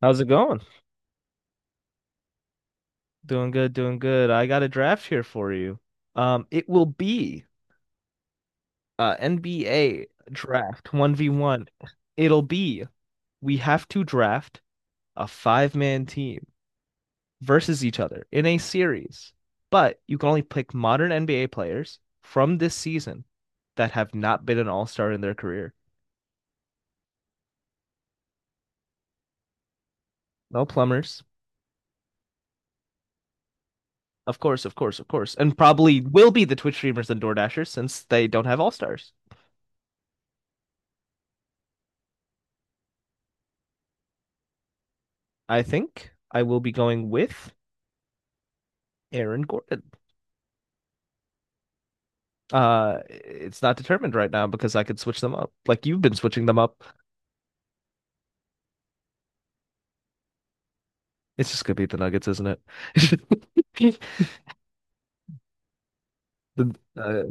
How's it going? Doing good, doing good. I got a draft here for you. It will be NBA draft 1v1. It'll be We have to draft a five-man team versus each other in a series. But you can only pick modern NBA players from this season that have not been an all-star in their career. No plumbers. Of course, of course, of course. And probably will be the Twitch streamers and DoorDashers since they don't have all-stars. I think I will be going with Aaron Gordon. It's not determined right now because I could switch them up. Like you've been switching them up. It's just gonna be the Nuggets, isn't it? The, uh,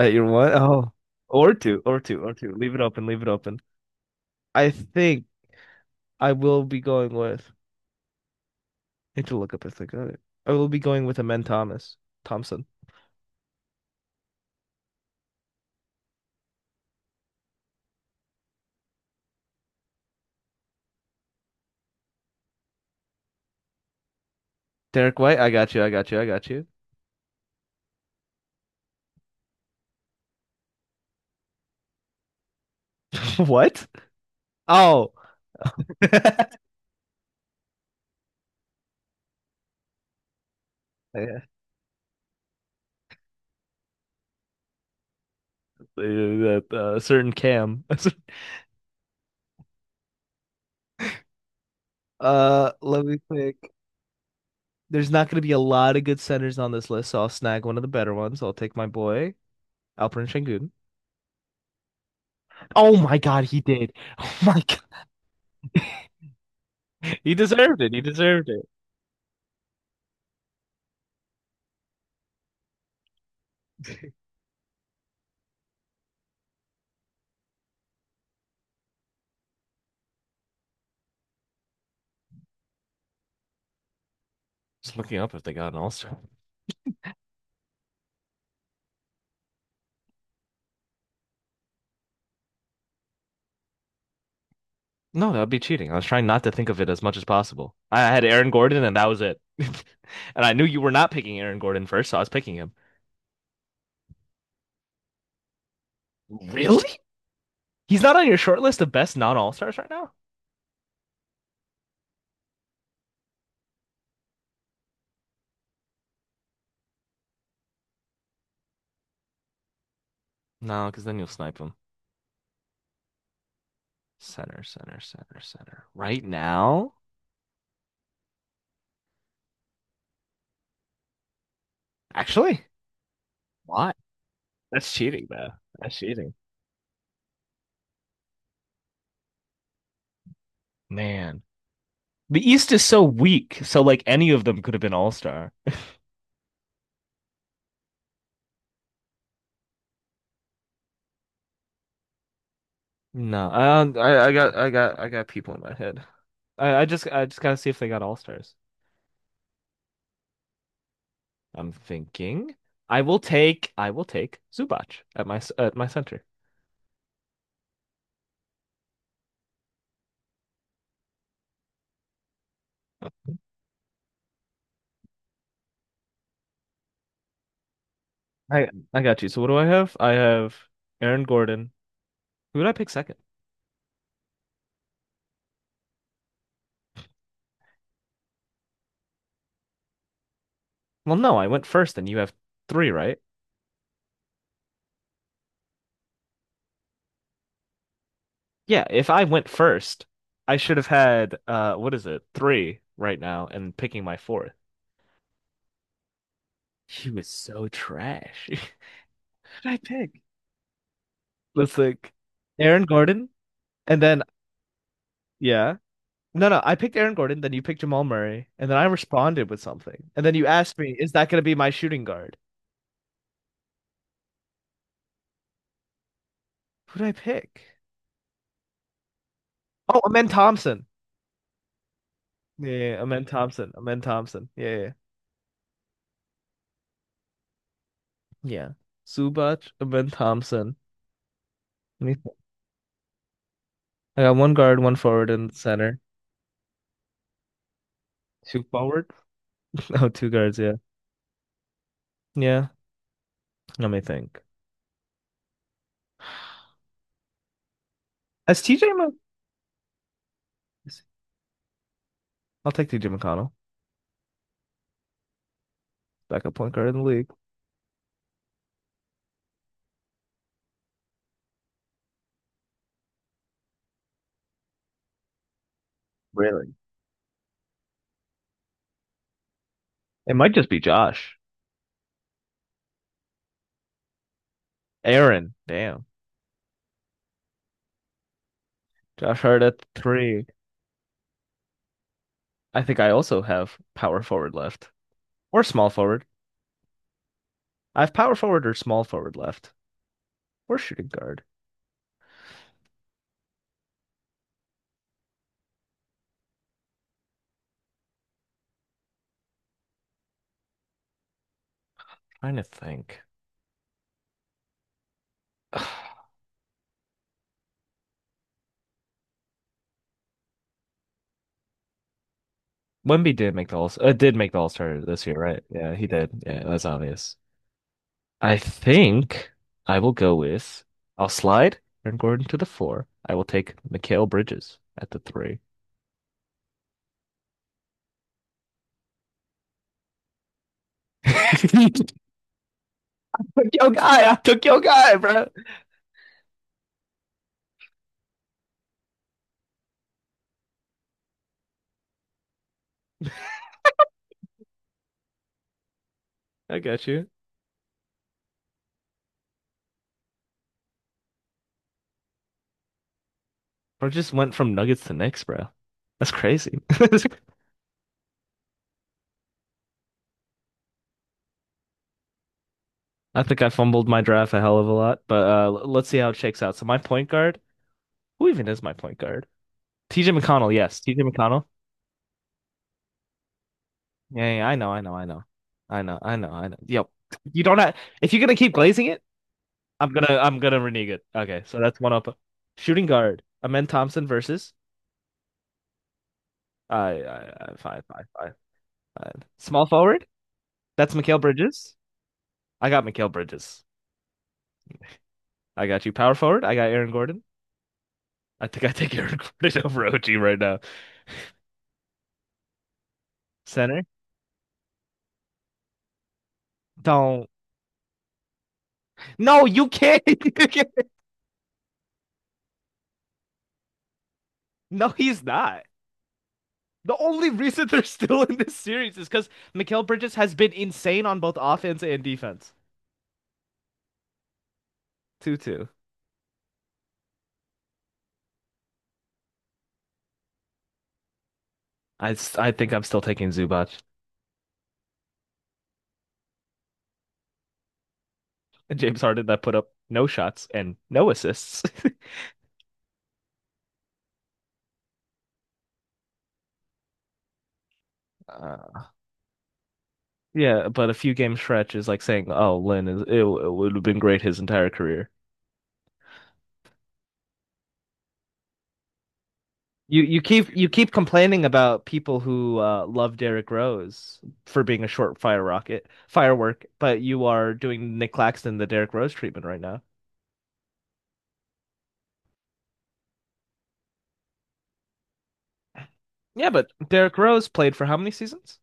at your one? Oh, or two, or two, or two. Leave it open, leave it open. I think I will be going with. I need to look up if they got it. I will be going with Amen Thomas Thompson. Derek White, I got you, I got you, I got you. What? Oh, Yeah. That certain Cam. Let me think. There's not going to be a lot of good centers on this list, so I'll snag one of the better ones. I'll take my boy Alperen Şengün. Oh my God, he did. Oh my God, he deserved it. He deserved it. Just looking up if they got an All-Star. No, that would be cheating. I was trying not to think of it as much as possible. I had Aaron Gordon, and that was it. And I knew you were not picking Aaron Gordon first, so I was picking him. Really? He's not on your short list of best non-all-stars right now? No, because then you'll snipe him. Center, center, center, center. Right now? Actually, what? That's cheating, though. That's cheating. Man. The East is so weak, so like any of them could have been all-star. No. I got people in my head. I just gotta see if they got all stars. I'm thinking I will take Zubac at my center. I got you. So what do I have? I have Aaron Gordon. Who did I pick second? Well, no, I went first and you have three, right? Yeah, if I went first, I should have had what is it? Three right now and picking my fourth. She was so trash. Who did I pick? Let's like Aaron Gordon and then yeah. No, no, I picked Aaron Gordon, then you picked Jamal Murray, and then I responded with something. And then you asked me, is that going to be my shooting guard? Who did I pick? Oh, Amen Thompson. Yeah, yeah, yeah, Amen Thompson. Amen Thompson. Yeah, yeah. Yeah. Yeah. Zubac, Amen Thompson. Let me I got one guard, one forward and center. Two forward? Oh, two guards, yeah. Yeah, let me think. As TJ Mc... I'll take TJ McConnell, backup point guard in the league. Really? It might just be Josh. Aaron, damn. Josh Hart at three. I think I also have power forward left. Or small forward. I have power forward or small forward left. Or shooting guard. Trying to think. Wemby did make the All-Star this year, right? Yeah, he did. Yeah, that's obvious. I think I will go with I'll slide Aaron Gordon to the four. I will take Mikal Bridges at the three. Took I took your guy, bro. I got you. I just went from Nuggets to Knicks, bro. That's crazy. I think I fumbled my draft a hell of a lot, but let's see how it shakes out. So my point guard, who even is my point guard? TJ McConnell, yes, TJ McConnell. Yeah, yeah, I know, I know, I know, I know, I know, I know. Yep. You don't have, if you're gonna keep glazing it. I'm gonna renege it. Okay, so that's one up. Shooting guard, Amen Thompson versus I I five, five, five, five. Small forward, that's Mikal Bridges. I got Mikal Bridges. I got you. Power forward, I got Aaron Gordon. I think I take Aaron Gordon over OG right now. Center, don't. No, you can't. You can't. No, he's not. The only reason they're still in this series is because Mikal Bridges has been insane on both offense and defense. 2-2. I think I'm still taking Zubac. James Harden that put up no shots and no assists. Uh, Yeah, but a few game stretch is like saying, "Oh, Lynn is it would have been great his entire career." You keep complaining about people who love Derrick Rose for being a short fire rocket firework, but you are doing Nick Claxton the Derrick Rose treatment right now. Yeah, but Derrick Rose played for how many seasons?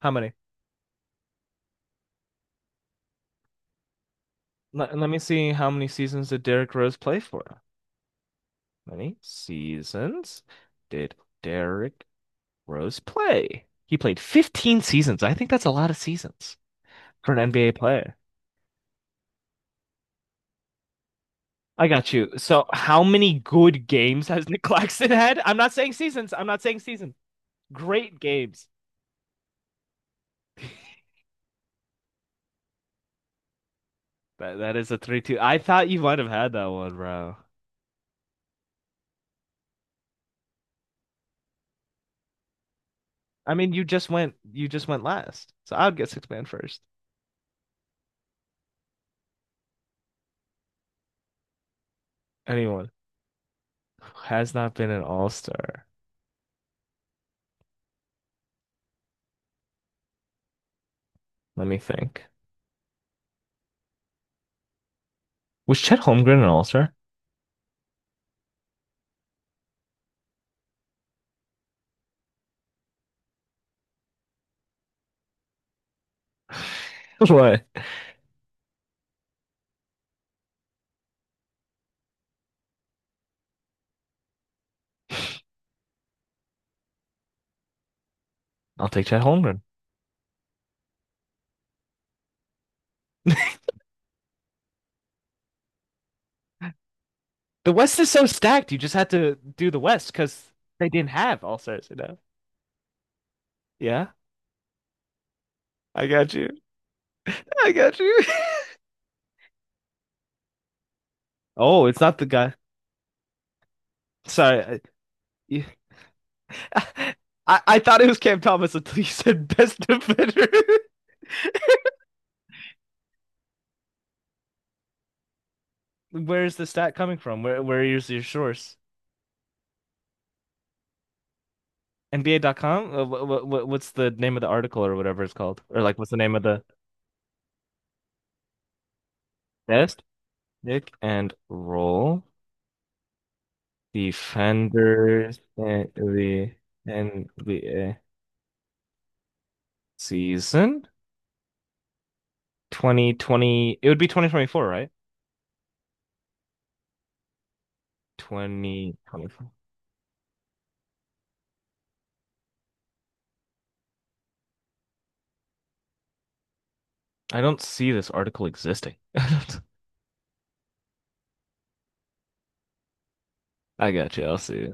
How many? Let me see how many seasons did Derrick Rose play for? Many seasons did Derrick Rose play. He played 15 seasons. I think that's a lot of seasons for an NBA player. I got you. So, how many good games has Nick Claxton had? I'm not saying seasons. I'm not saying seasons. Great games. That is a 3-2. I thought you might have had that one, bro. I mean, you just went last. So, I would get six-man first. Anyone who has not been an all-star. Let me think. Was Chet Holmgren an all-star? What? I'll take Chet Holmgren. The West is so stacked. You just had to do the West because they didn't have all stars, you know? Yeah, I got you. I got you. Oh, it's not the guy. Sorry. You- I thought it was Cam Thomas until you said best defender. Where is the stat coming from? Where is your source? NBA. NBA.com? What's the name of the article or whatever it's called? Or like, what's the name of the best pick and roll defenders in the NBA? Season 2020. It would be 2024, right? 2024. I don't see this article existing. I got you. I'll see.